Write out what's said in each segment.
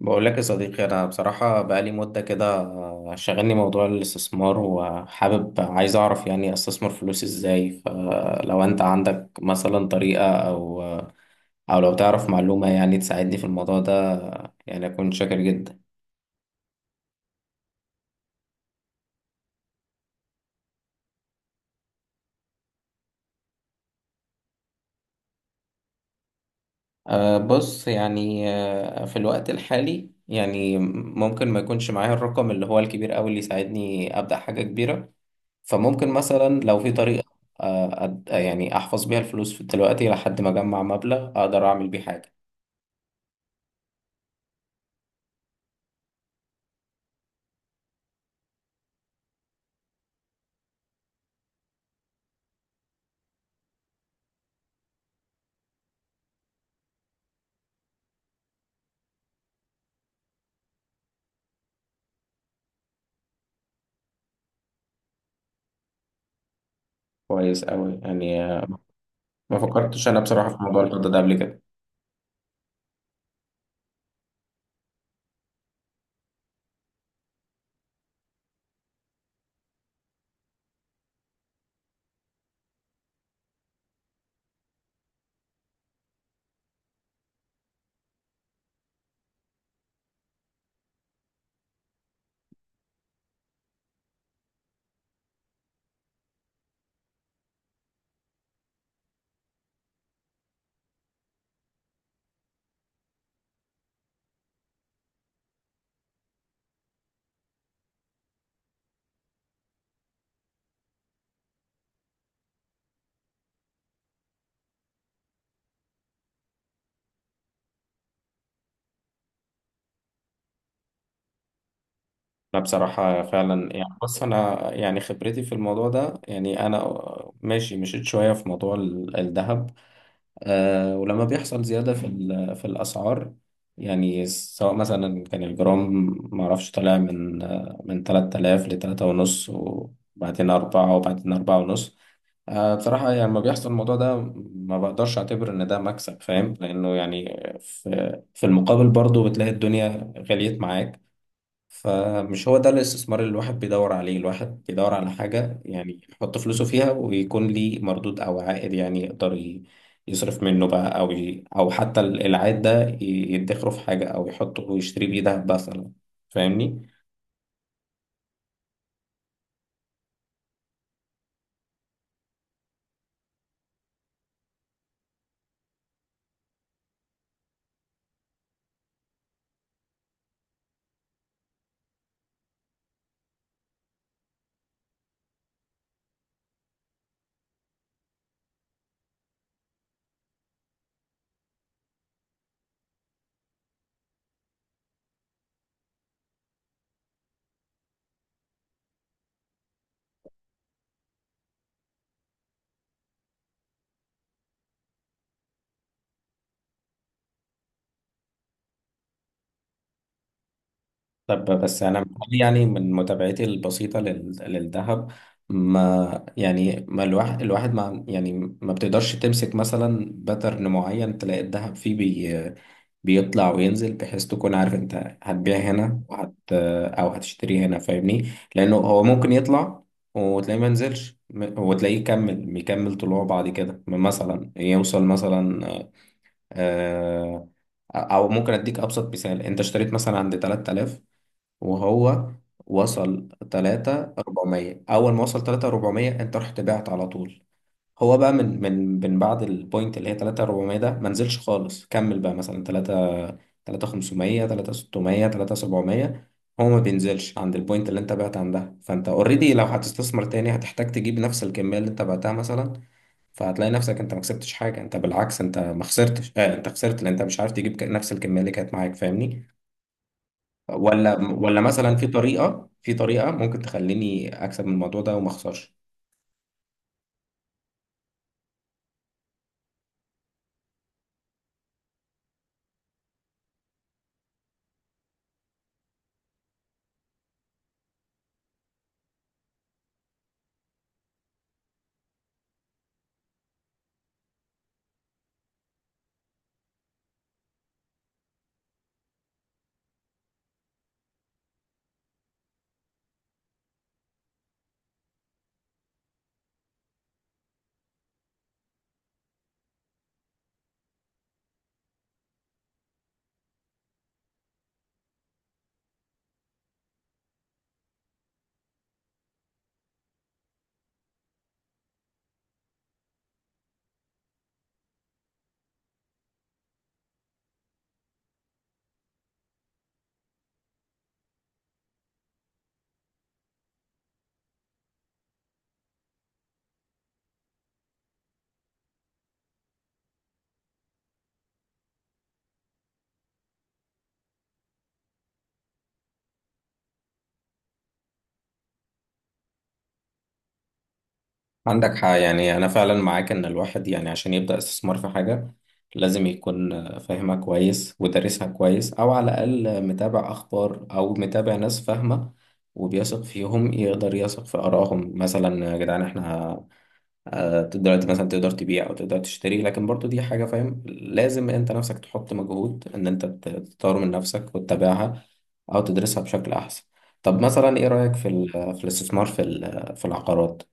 بقول لك يا صديقي، انا بصراحه بقالي مده كده. شغلني موضوع الاستثمار، وحابب عايز اعرف يعني استثمر فلوسي ازاي. فلو انت عندك مثلا طريقه او لو تعرف معلومه، يعني تساعدني في الموضوع ده، يعني اكون شاكر جدا. بص، يعني، في الوقت الحالي يعني ممكن ما يكونش معايا الرقم اللي هو الكبير قوي اللي يساعدني ابدا حاجه كبيره. فممكن مثلا لو في طريقة يعني أحفظ بيها الفلوس في دلوقتي لحد ما أجمع مبلغ أقدر أعمل بيه حاجة. كويس أوي، يعني. ما فكرتش أنا بصراحة في موضوع الفضة ده قبل كده. أنا بصراحة فعلا، يعني بص، أنا يعني خبرتي في الموضوع ده يعني أنا ماشي، مشيت شوية في موضوع الذهب. أه، ولما بيحصل زيادة في في الأسعار، يعني سواء مثلا كان الجرام معرفش طالع من 3000 لتلاتة ونص وبعدين أربعة وبعدين أربعة ونص. بصراحة يعني لما بيحصل الموضوع ده ما بقدرش أعتبر إن ده مكسب، فاهم؟ لأنه يعني في المقابل برضه بتلاقي الدنيا غليت معاك. فمش هو ده الاستثمار اللي الواحد بيدور عليه. الواحد بيدور على حاجة يعني يحط فلوسه فيها ويكون ليه مردود أو عائد، يعني يصرف منه بقى، أو حتى العائد ده يدخره في حاجة أو يحطه ويشتري بيه دهب مثلا. فاهمني؟ طب بس انا بقول يعني من متابعتي البسيطه للذهب. ما يعني ما الواحد الواحد ما يعني ما بتقدرش تمسك مثلا باترن معين، تلاقي الذهب فيه بيطلع وينزل، بحيث تكون عارف انت هتبيع هنا او هتشتري هنا، فاهمني؟ لانه هو ممكن يطلع وتلاقيه ما ينزلش وتلاقيه يكمل طلوع بعد كده، مثلا يوصل مثلا. آه، او ممكن اديك ابسط مثال: انت اشتريت مثلا عند 3000، وهو وصل تلاتة أربعمية. أول ما وصل تلاتة أربعمية أنت رحت بعت على طول. هو بقى من بعد البوينت اللي هي تلاتة أربعمية ده ما نزلش خالص، كمل بقى مثلا تلاتة، تلاتة خمسمية، تلاتة ستمية، تلاتة سبعمية. هو ما بينزلش عند البوينت اللي أنت بعت عندها. فأنت أوريدي لو هتستثمر تاني هتحتاج تجيب نفس الكمية اللي أنت بعتها مثلا، فهتلاقي نفسك أنت ما كسبتش حاجة. أنت بالعكس، أنت ما خسرتش، آه أنت خسرت، لأن أنت مش عارف تجيب نفس الكمية اللي كانت معاك، فاهمني؟ ولا مثلا في طريقة، ممكن تخليني أكسب من الموضوع ده وما أخسرش. عندك حق يعني، أنا فعلا معاك إن الواحد يعني عشان يبدأ استثمار في حاجة لازم يكون فاهمها كويس ودارسها كويس، أو على الأقل متابع أخبار أو متابع ناس فاهمة وبيثق فيهم يقدر يثق في آرائهم. مثلا يا جدعان، إحنا دلوقتي مثلا تقدر تبيع او تقدر تشتري، لكن برضو دي حاجة فاهم، لازم انت نفسك تحط مجهود ان انت تطور من نفسك وتتابعها او تدرسها بشكل احسن. طب مثلا ايه رأيك في في الاستثمار في في العقارات؟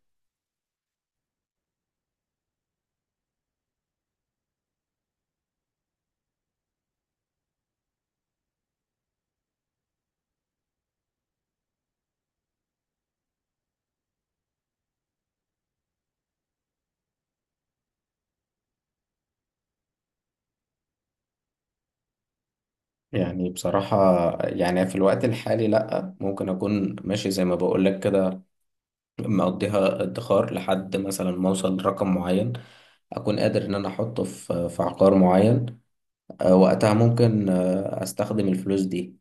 يعني بصراحة يعني في الوقت الحالي لأ، ممكن أكون ماشي زي ما بقولك كده، مقضيها ادخار لحد مثلا ما أوصل لرقم معين، أكون قادر إن أنا أحطه في في عقار معين. وقتها ممكن استخدم الفلوس دي.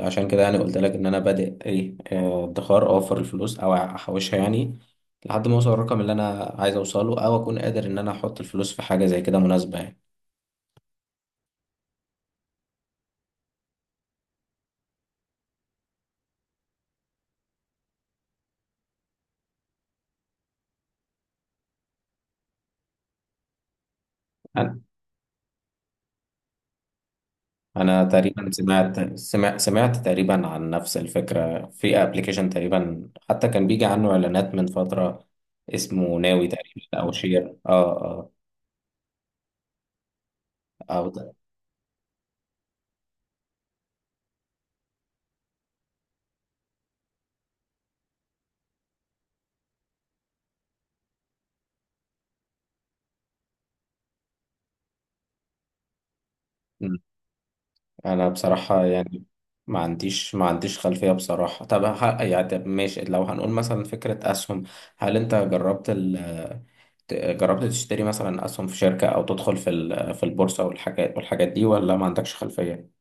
عشان كده يعني قلت لك ان انا بادئ ايه، ادخار، اوفر الفلوس او احوشها يعني، لحد ما اوصل الرقم اللي انا عايز اوصله او اكون قادر ان انا احط الفلوس في حاجه زي كده مناسبه يعني. انا أنا تقريبا سمعت تقريبا عن نفس الفكره في ابلكيشن تقريبا، حتى كان بيجي عنه اعلانات من فتره. اسمه ناوي تقريبا، او شير. اه. اه او ده. انا بصراحة يعني ما عنديش خلفية بصراحة. طب يعني، طب ماشي، لو هنقول مثلا فكرة اسهم، هل انت جربت جربت تشتري مثلا اسهم في شركة او تدخل في في البورصة والحاجات دي، ولا ما عندكش خلفية؟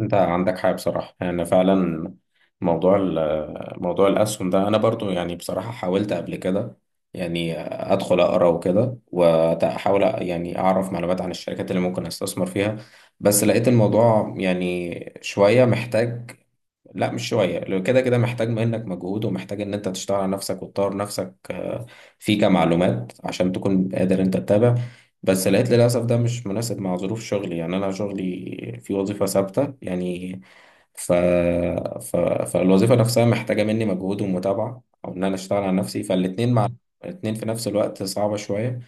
انت عندك حق بصراحة يعني، فعلا. موضوع موضوع الأسهم ده أنا برضو يعني بصراحة حاولت قبل كده، يعني أدخل أقرأ وكده وأحاول يعني أعرف معلومات عن الشركات اللي ممكن أستثمر فيها. بس لقيت الموضوع يعني شوية محتاج، لا مش شوية، لو كده كده محتاج منك مجهود ومحتاج ان انت تشتغل على نفسك وتطور نفسك، في كمعلومات عشان تكون قادر انت تتابع. بس لقيت للأسف ده مش مناسب مع ظروف شغلي، يعني انا شغلي في وظيفة ثابتة يعني. ف... فالوظيفة نفسها محتاجة مني مجهود ومتابعة او ان انا اشتغل على نفسي، فالاتنين مع الاتنين في نفس الوقت صعبة شوية.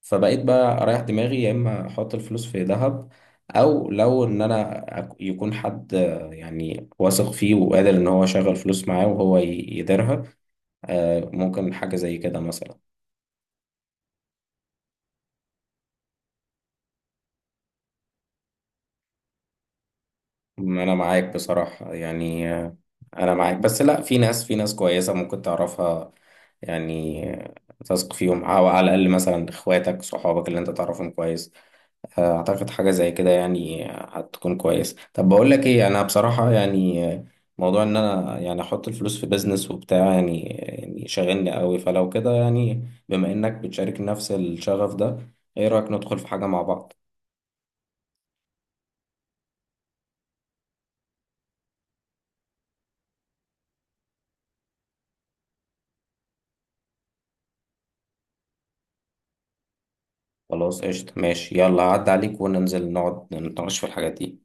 فبقيت بقى اريح دماغي، يا اما احط الفلوس في ذهب، او لو ان انا يكون حد يعني واثق فيه وقادر ان هو يشغل فلوس معاه، وهو يديرها. ممكن حاجة زي كده مثلا. انا معاك بصراحة يعني، انا معاك، بس لا، في ناس، كويسة ممكن تعرفها يعني. تثق فيهم او على الاقل مثلا اخواتك، صحابك اللي انت تعرفهم كويس. اعتقد حاجة زي كده يعني هتكون كويس. طب بقول لك ايه، انا بصراحة يعني موضوع ان انا يعني احط الفلوس في بيزنس وبتاع يعني، يعني شاغلني قوي. فلو كده يعني، بما انك بتشارك نفس الشغف ده، ايه رأيك ندخل في حاجة مع بعض؟ خلاص قشطة، ماشي، يلا عد عليك، وننزل نقعد نتناقش في الحاجات دي.